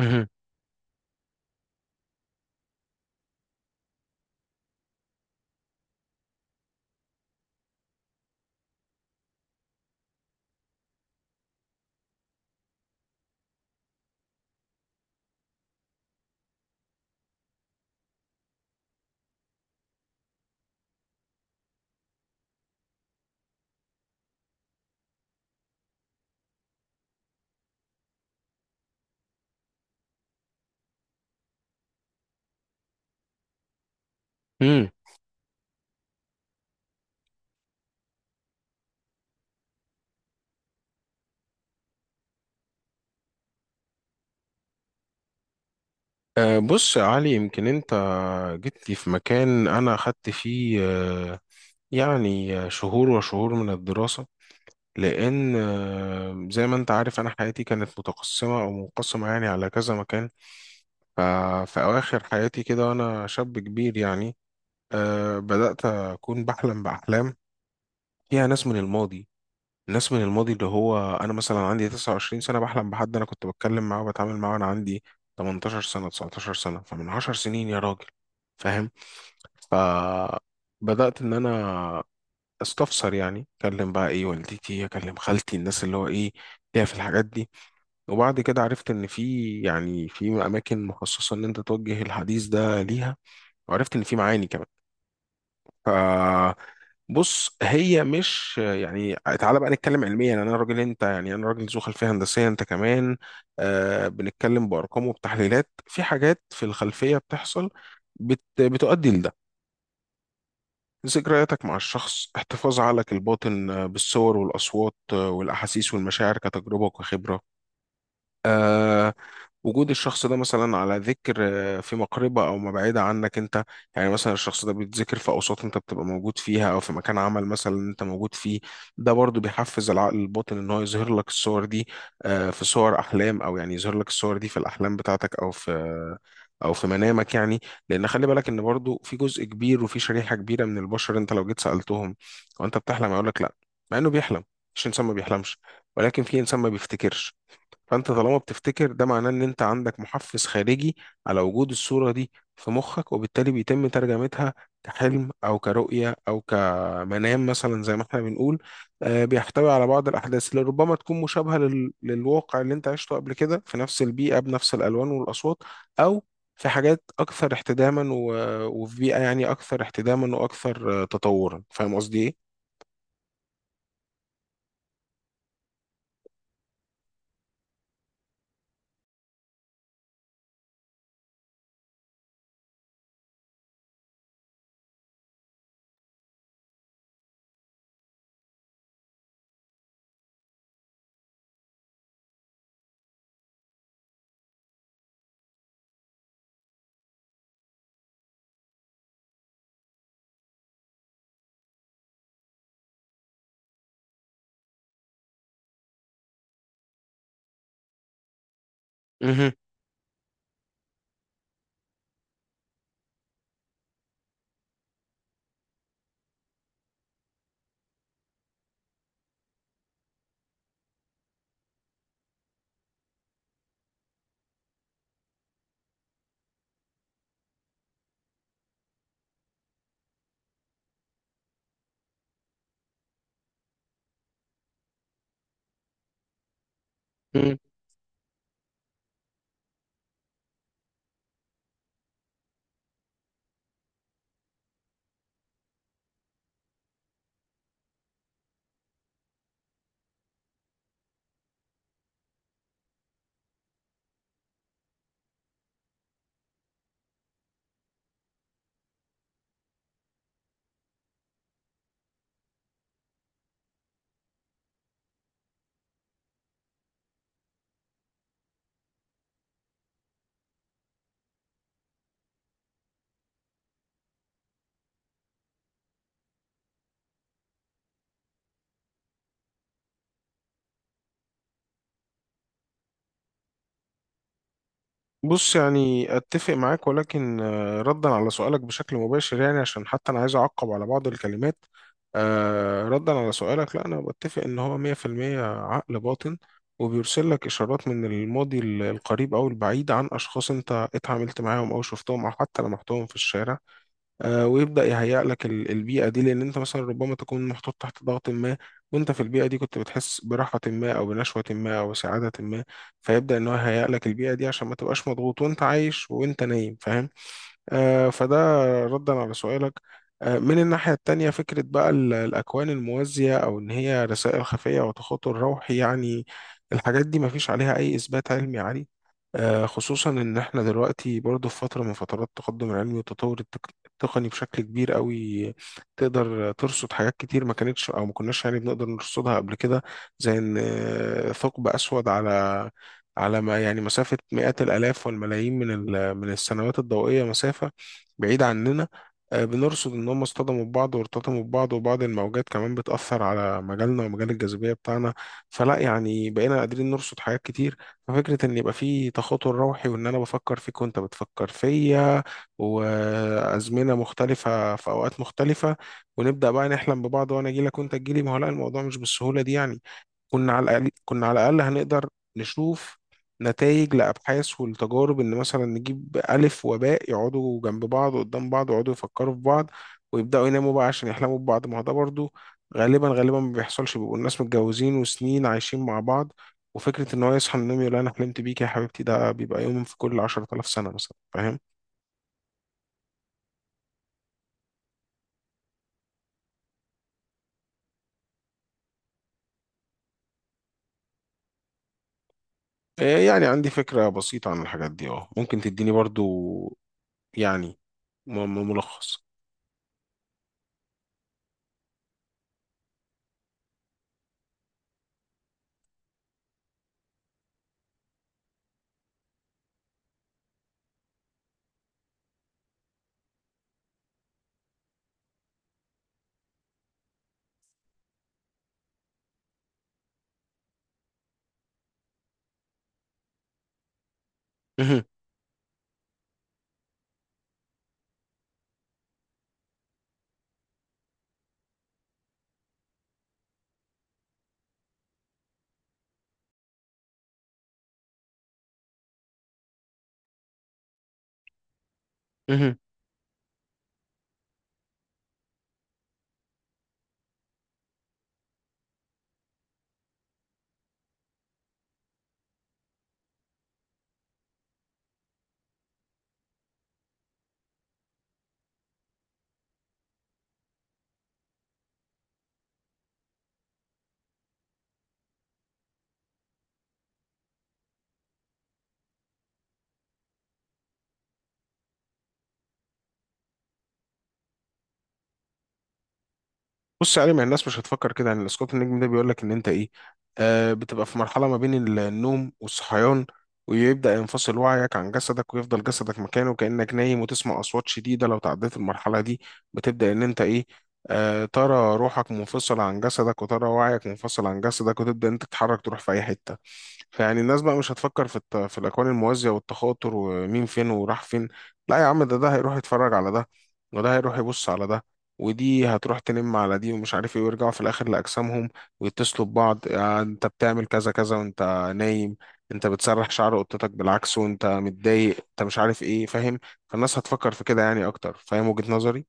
مهم. مم. بص يا علي، يمكن انت جيت لي في مكان انا خدت فيه يعني شهور وشهور من الدراسة. لان زي ما انت عارف، انا حياتي كانت متقسمة او منقسمة يعني على كذا مكان. ففي اواخر حياتي كده وانا شاب كبير يعني، بدأت اكون بحلم باحلام فيها ناس من الماضي. ناس من الماضي اللي هو انا مثلا عندي 29 سنه، بحلم بحد انا كنت بتكلم معاه وبتعامل معاه وانا عندي 18 سنه 19 سنه، فمن 10 سنين يا راجل. فاهم؟ فبدات ان انا استفسر، يعني اكلم بقى ايه والدتي، اكلم خالتي، الناس اللي هو ايه ليها في الحاجات دي. وبعد كده عرفت ان في يعني في اماكن مخصصه ان انت توجه الحديث ده ليها، وعرفت ان في معاني كمان. ف بص، هي مش يعني، تعالى بقى نتكلم علميا. انا راجل انت يعني، انا راجل ذو خلفيه هندسيه، انت كمان. آه بنتكلم بارقام وبتحليلات، في حاجات في الخلفيه بتحصل بتؤدي لده. ذكرياتك مع الشخص، احتفاظ عقلك الباطن بالصور والاصوات والاحاسيس والمشاعر كتجربه وكخبره. وجود الشخص ده مثلا على ذكر، في مقربة أو ما بعيدة عنك أنت. يعني مثلا الشخص ده بيتذكر في أوساط أنت بتبقى موجود فيها، أو في مكان عمل مثلا أنت موجود فيه، ده برضو بيحفز العقل الباطن إن هو يظهر لك الصور دي. في صور أحلام، أو يعني يظهر لك الصور دي في الأحلام بتاعتك، أو في او في منامك يعني. لان خلي بالك ان برضو في جزء كبير وفي شريحه كبيره من البشر، انت لو جيت سالتهم وانت بتحلم هيقول لك لا، مع انه بيحلم. مش انسان ما بيحلمش، ولكن في انسان ما بيفتكرش. فانت طالما بتفتكر، ده معناه ان انت عندك محفز خارجي على وجود الصورة دي في مخك، وبالتالي بيتم ترجمتها كحلم او كرؤية او كمنام مثلا، زي ما احنا بنقول. بيحتوي على بعض الاحداث اللي ربما تكون مشابهة للواقع اللي انت عشته قبل كده، في نفس البيئة بنفس الالوان والاصوات، او في حاجات اكثر احتداما وفي بيئة يعني اكثر احتداما واكثر تطورا. فاهم قصدي ايه؟ مهم. بص يعني اتفق معاك، ولكن ردا على سؤالك بشكل مباشر، يعني عشان حتى انا عايز اعقب على بعض الكلمات. ردا على سؤالك، لا انا بتفق ان هو 100% عقل باطن، وبيرسل لك اشارات من الماضي القريب او البعيد عن اشخاص انت اتعاملت معاهم او شفتهم او حتى لمحتهم في الشارع. ويبدأ يهيئ لك البيئة دي، لأن أنت مثلا ربما تكون محطوط تحت ضغط ما، وأنت في البيئة دي كنت بتحس براحة ما أو بنشوة ما أو سعادة ما، فيبدأ إن هو يهيئ لك البيئة دي عشان ما تبقاش مضغوط وأنت عايش وأنت نايم. فاهم؟ فده ردا على سؤالك. من الناحية التانية، فكرة بقى الأكوان الموازية، أو إن هي رسائل خفية وتخاطر روحي يعني، الحاجات دي مفيش عليها أي إثبات علمي عالي. خصوصا إن إحنا دلوقتي برضو في فترة من فترات التقدم العلمي والتطور التقني بشكل كبير قوي، تقدر ترصد حاجات كتير ما كانتش أو ما كناش يعني بنقدر نرصدها قبل كده. زي إن ثقب أسود على ما يعني مسافة مئات الآلاف والملايين من السنوات الضوئية، مسافة بعيدة عننا. بنرصد إن هم اصطدموا ببعض وارتطموا ببعض، وبعض الموجات كمان بتأثر على مجالنا ومجال الجاذبية بتاعنا، فلا يعني بقينا قادرين نرصد حاجات كتير. ففكرة إن يبقى في تخاطر روحي، وإن أنا بفكر فيك وأنت بتفكر فيا، وأزمنة مختلفة في أوقات مختلفة، ونبدأ بقى نحلم ببعض وأنا أجيلك وأنت تجيلي، ما هو لا، الموضوع مش بالسهولة دي يعني. كنا على الأقل، كنا على الأقل هنقدر نشوف نتائج لأبحاث ولتجارب، إن مثلا نجيب ألف وباء يقعدوا جنب بعض وقدام بعض ويقعدوا يفكروا في بعض ويبدأوا يناموا بقى عشان يحلموا ببعض. ما هو ده برضه غالبا غالبا ما بيحصلش، بيبقوا الناس متجوزين وسنين عايشين مع بعض، وفكرة إن هو يصحى من النوم يقول أنا حلمت بيك يا حبيبتي، ده بيبقى يوم في كل 10,000 سنة مثلا. فاهم؟ إيه يعني عندي فكرة بسيطة عن الحاجات دي، أه ممكن تديني برضه يعني ملخص. بص يا علي، ما الناس مش هتفكر كده. يعني الاسقاط النجمي ده بيقول لك ان انت ايه، آه بتبقى في مرحله ما بين النوم والصحيان، ويبدا ينفصل وعيك عن جسدك، ويفضل جسدك مكانه كانك نايم، وتسمع اصوات شديده. لو تعديت المرحله دي بتبدا ان انت ايه، آه ترى روحك منفصله عن جسدك وترى وعيك منفصل عن جسدك، وتبدا انت تتحرك تروح في اي حته. فيعني الناس بقى مش هتفكر في في الاكوان الموازيه والتخاطر، ومين فين وراح فين. لا يا عم، ده هيروح يتفرج على ده، وده هيروح يبص على ده، ودي هتروح تنم على دي، ومش عارف ايه، ويرجعوا في الاخر لاجسامهم ويتصلوا ببعض. يعني انت بتعمل كذا كذا وانت نايم، انت بتسرح شعر قطتك بالعكس وانت متضايق، انت مش عارف ايه. فاهم؟ فالناس هتفكر في كده يعني اكتر. فاهم وجهة نظري؟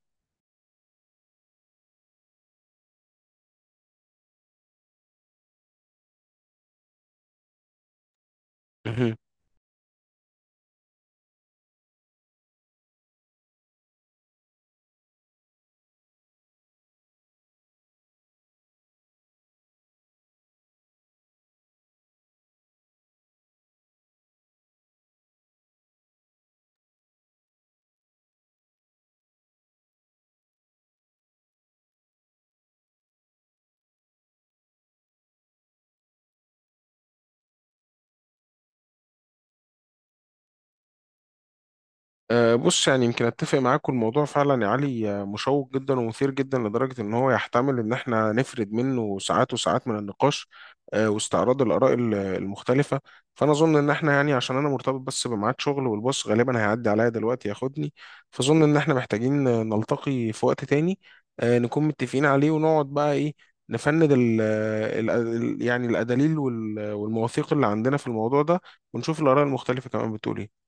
أه بص يعني يمكن اتفق معاك، الموضوع فعلا يا علي مشوق جدا ومثير جدا لدرجه ان هو يحتمل ان احنا نفرد منه ساعات وساعات من النقاش، أه واستعراض الاراء المختلفه. فانا اظن ان احنا يعني، عشان انا مرتبط بس بميعاد شغل والباص غالبا هيعدي عليا دلوقتي ياخدني، فاظن ان احنا محتاجين نلتقي في وقت تاني، أه نكون متفقين عليه، ونقعد بقى ايه نفند يعني الادليل والمواثيق اللي عندنا في الموضوع ده، ونشوف الاراء المختلفه كمان بتقول ايه.